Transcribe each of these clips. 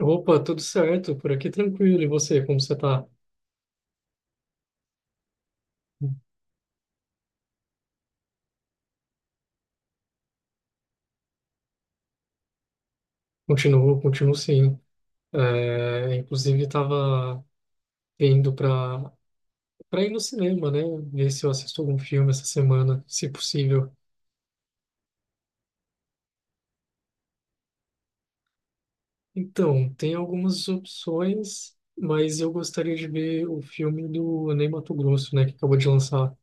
Opa, tudo certo, por aqui tranquilo. E você, como você tá? Continuo, continuo sim. É, inclusive, estava indo para ir no cinema, né? Ver se eu assisto algum filme essa semana, se possível. Então, tem algumas opções, mas eu gostaria de ver o filme do Ney Matogrosso, né? Que acabou de lançar.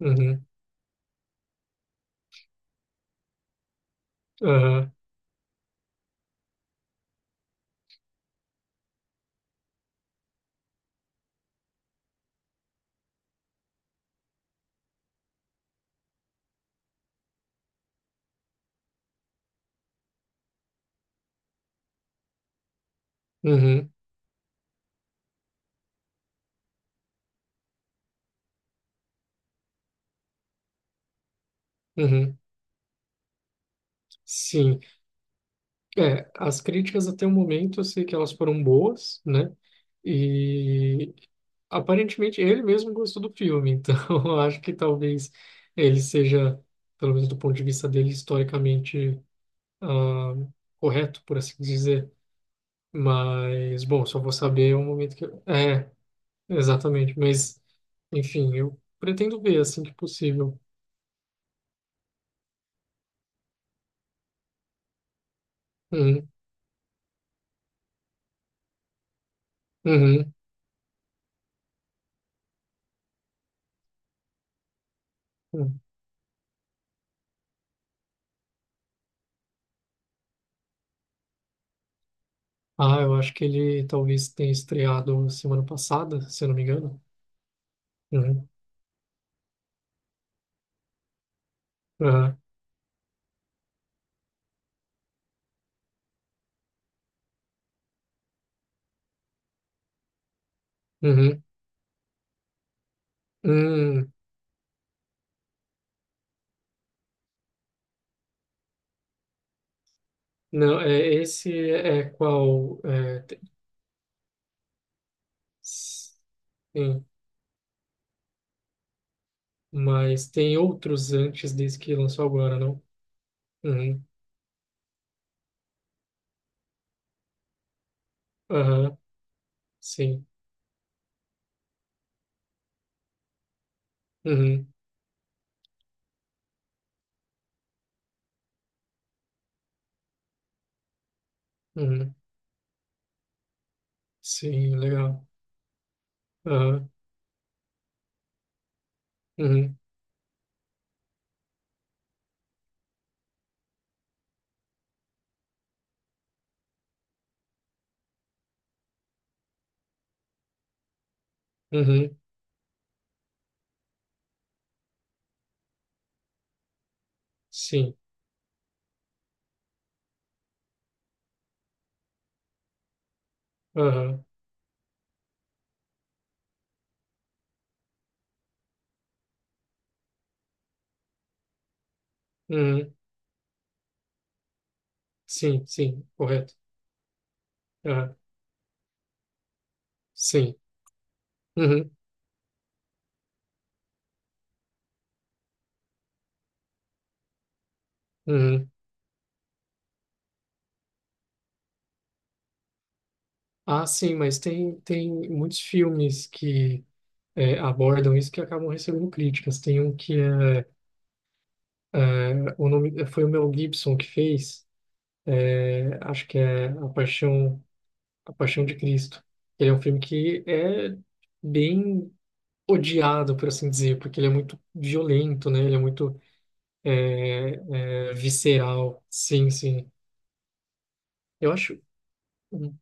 Uhum, aham, uhum, uhum. Sim. É, as críticas até o momento eu sei que elas foram boas, né? E aparentemente ele mesmo gostou do filme, então eu acho que talvez ele seja, pelo menos do ponto de vista dele, historicamente ah, correto, por assim dizer. Mas, bom, só vou saber o momento que. É, exatamente. Mas, enfim, eu pretendo ver assim que possível. Uhum, uhum, uhum. Ah, eu acho que ele talvez tenha estreado semana passada, se eu não me engano. Uhum, ah, uhum, hum. Não, é, esse é qual? Sim, mas tem outros antes desse que lançou agora, não? Uhum, aham, sim, uhum, uhum, sim, legal, aham, uhum, uhum, sim, aham, uhum, sim, sim, correto, aham, sim, uhum, uhum. Ah, sim, mas tem, muitos filmes que abordam isso que acabam recebendo críticas. Tem um que o nome, foi o Mel Gibson que fez, acho que é A Paixão de Cristo. Ele é um filme que é bem odiado, por assim dizer, porque ele é muito violento, né? Ele é muito visceral. Sim, sim. Eu acho. Uhum,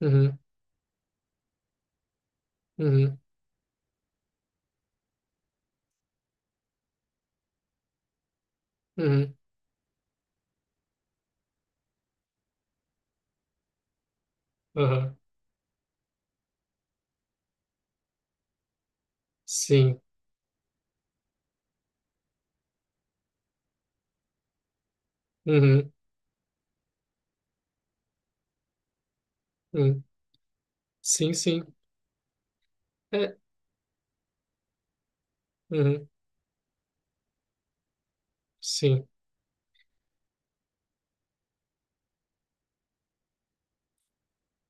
uhum, uhum, uhum, aham. Sim. Uhum, uhum. Sim, sim. É, uhum, sim.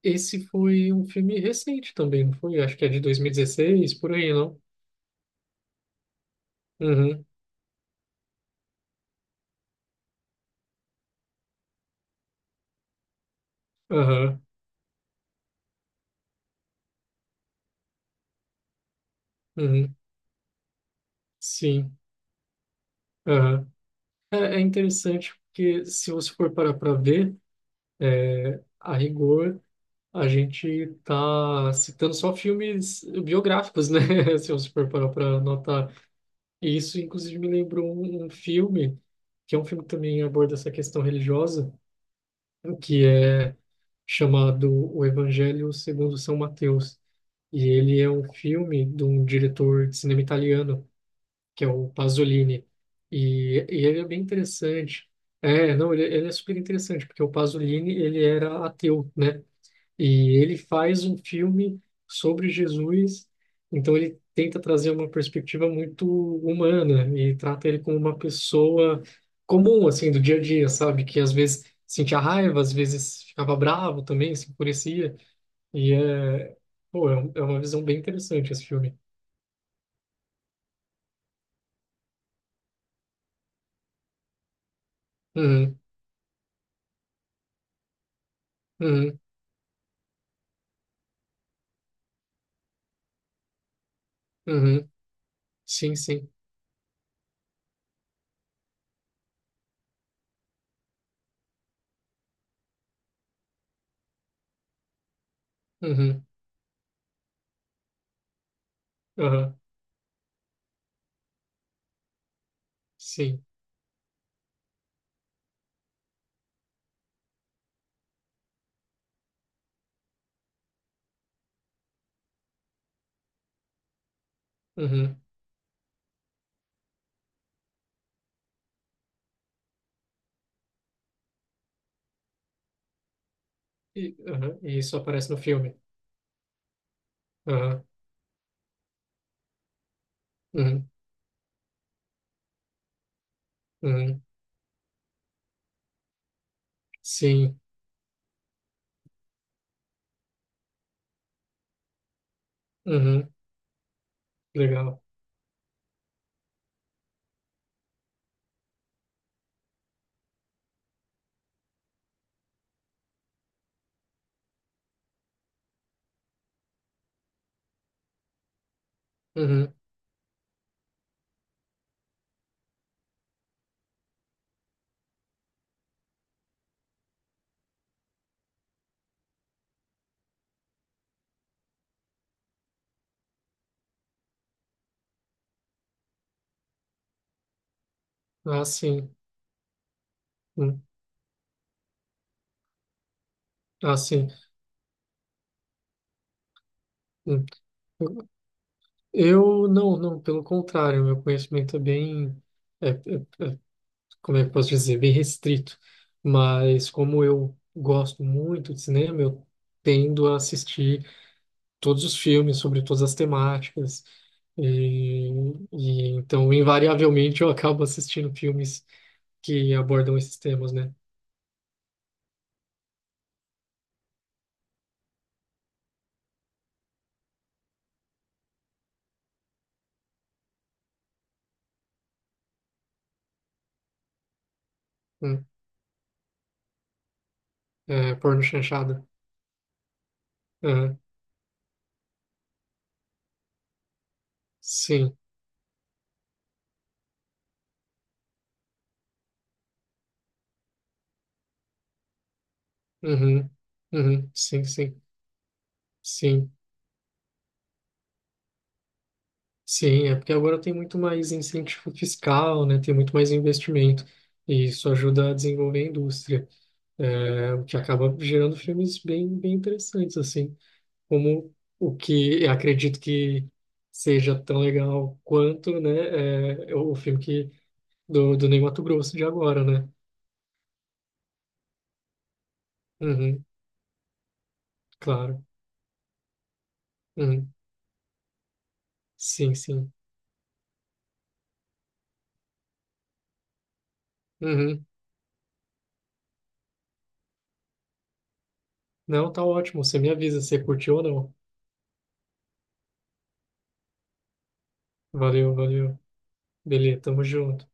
Esse foi um filme recente também, não foi? Acho que é de 2016, por aí, não? Uhum, aham, uhum, sim. É interessante porque se você for parar para ver, a rigor, a gente está citando só filmes biográficos, né? Se você for parar para notar. E isso, inclusive, me lembrou um filme, que é um filme que também aborda essa questão religiosa, que é chamado O Evangelho segundo São Mateus. E ele é um filme de um diretor de cinema italiano que é o Pasolini. E ele é bem interessante. É, não, ele é super interessante, porque o Pasolini, ele era ateu, né? E ele faz um filme sobre Jesus, então ele tenta trazer uma perspectiva muito humana e trata ele como uma pessoa comum, assim, do dia a dia, sabe? Que às vezes sentia raiva, às vezes ficava bravo também, se enfurecia. E pô, é uma visão bem interessante esse filme. Uhum, uhum, uhum. Sim, sim. Uhum. Aham, sim. Uhum. E, aham, e isso aparece no filme. Aham, uhum, uhum, sim. Uhum, legal. Uhum. Ah, sim. Hum, ah, sim. Hum. Eu não, não, pelo contrário, meu conhecimento é bem, é, é, como é que eu posso dizer, bem restrito. Mas como eu gosto muito de cinema, eu tendo a assistir todos os filmes sobre todas as temáticas. E, e então, invariavelmente, eu acabo assistindo filmes que abordam esses temas, né? Hum. É, porno chanchada. Aham. Sim. Uhum. Uhum. Sim, sim. Sim. Sim, é porque agora tem muito mais incentivo fiscal, né? Tem muito mais investimento. E isso ajuda a desenvolver a indústria, o que acaba gerando filmes bem, bem interessantes, assim, como o que eu acredito que seja tão legal quanto, né, o filme do Ney Matogrosso de agora, né? Uhum, claro. Uhum. Sim, sim. Uhum. Não, tá ótimo. Você me avisa se curtiu ou não. Valeu, valeu. Beleza, tamo junto.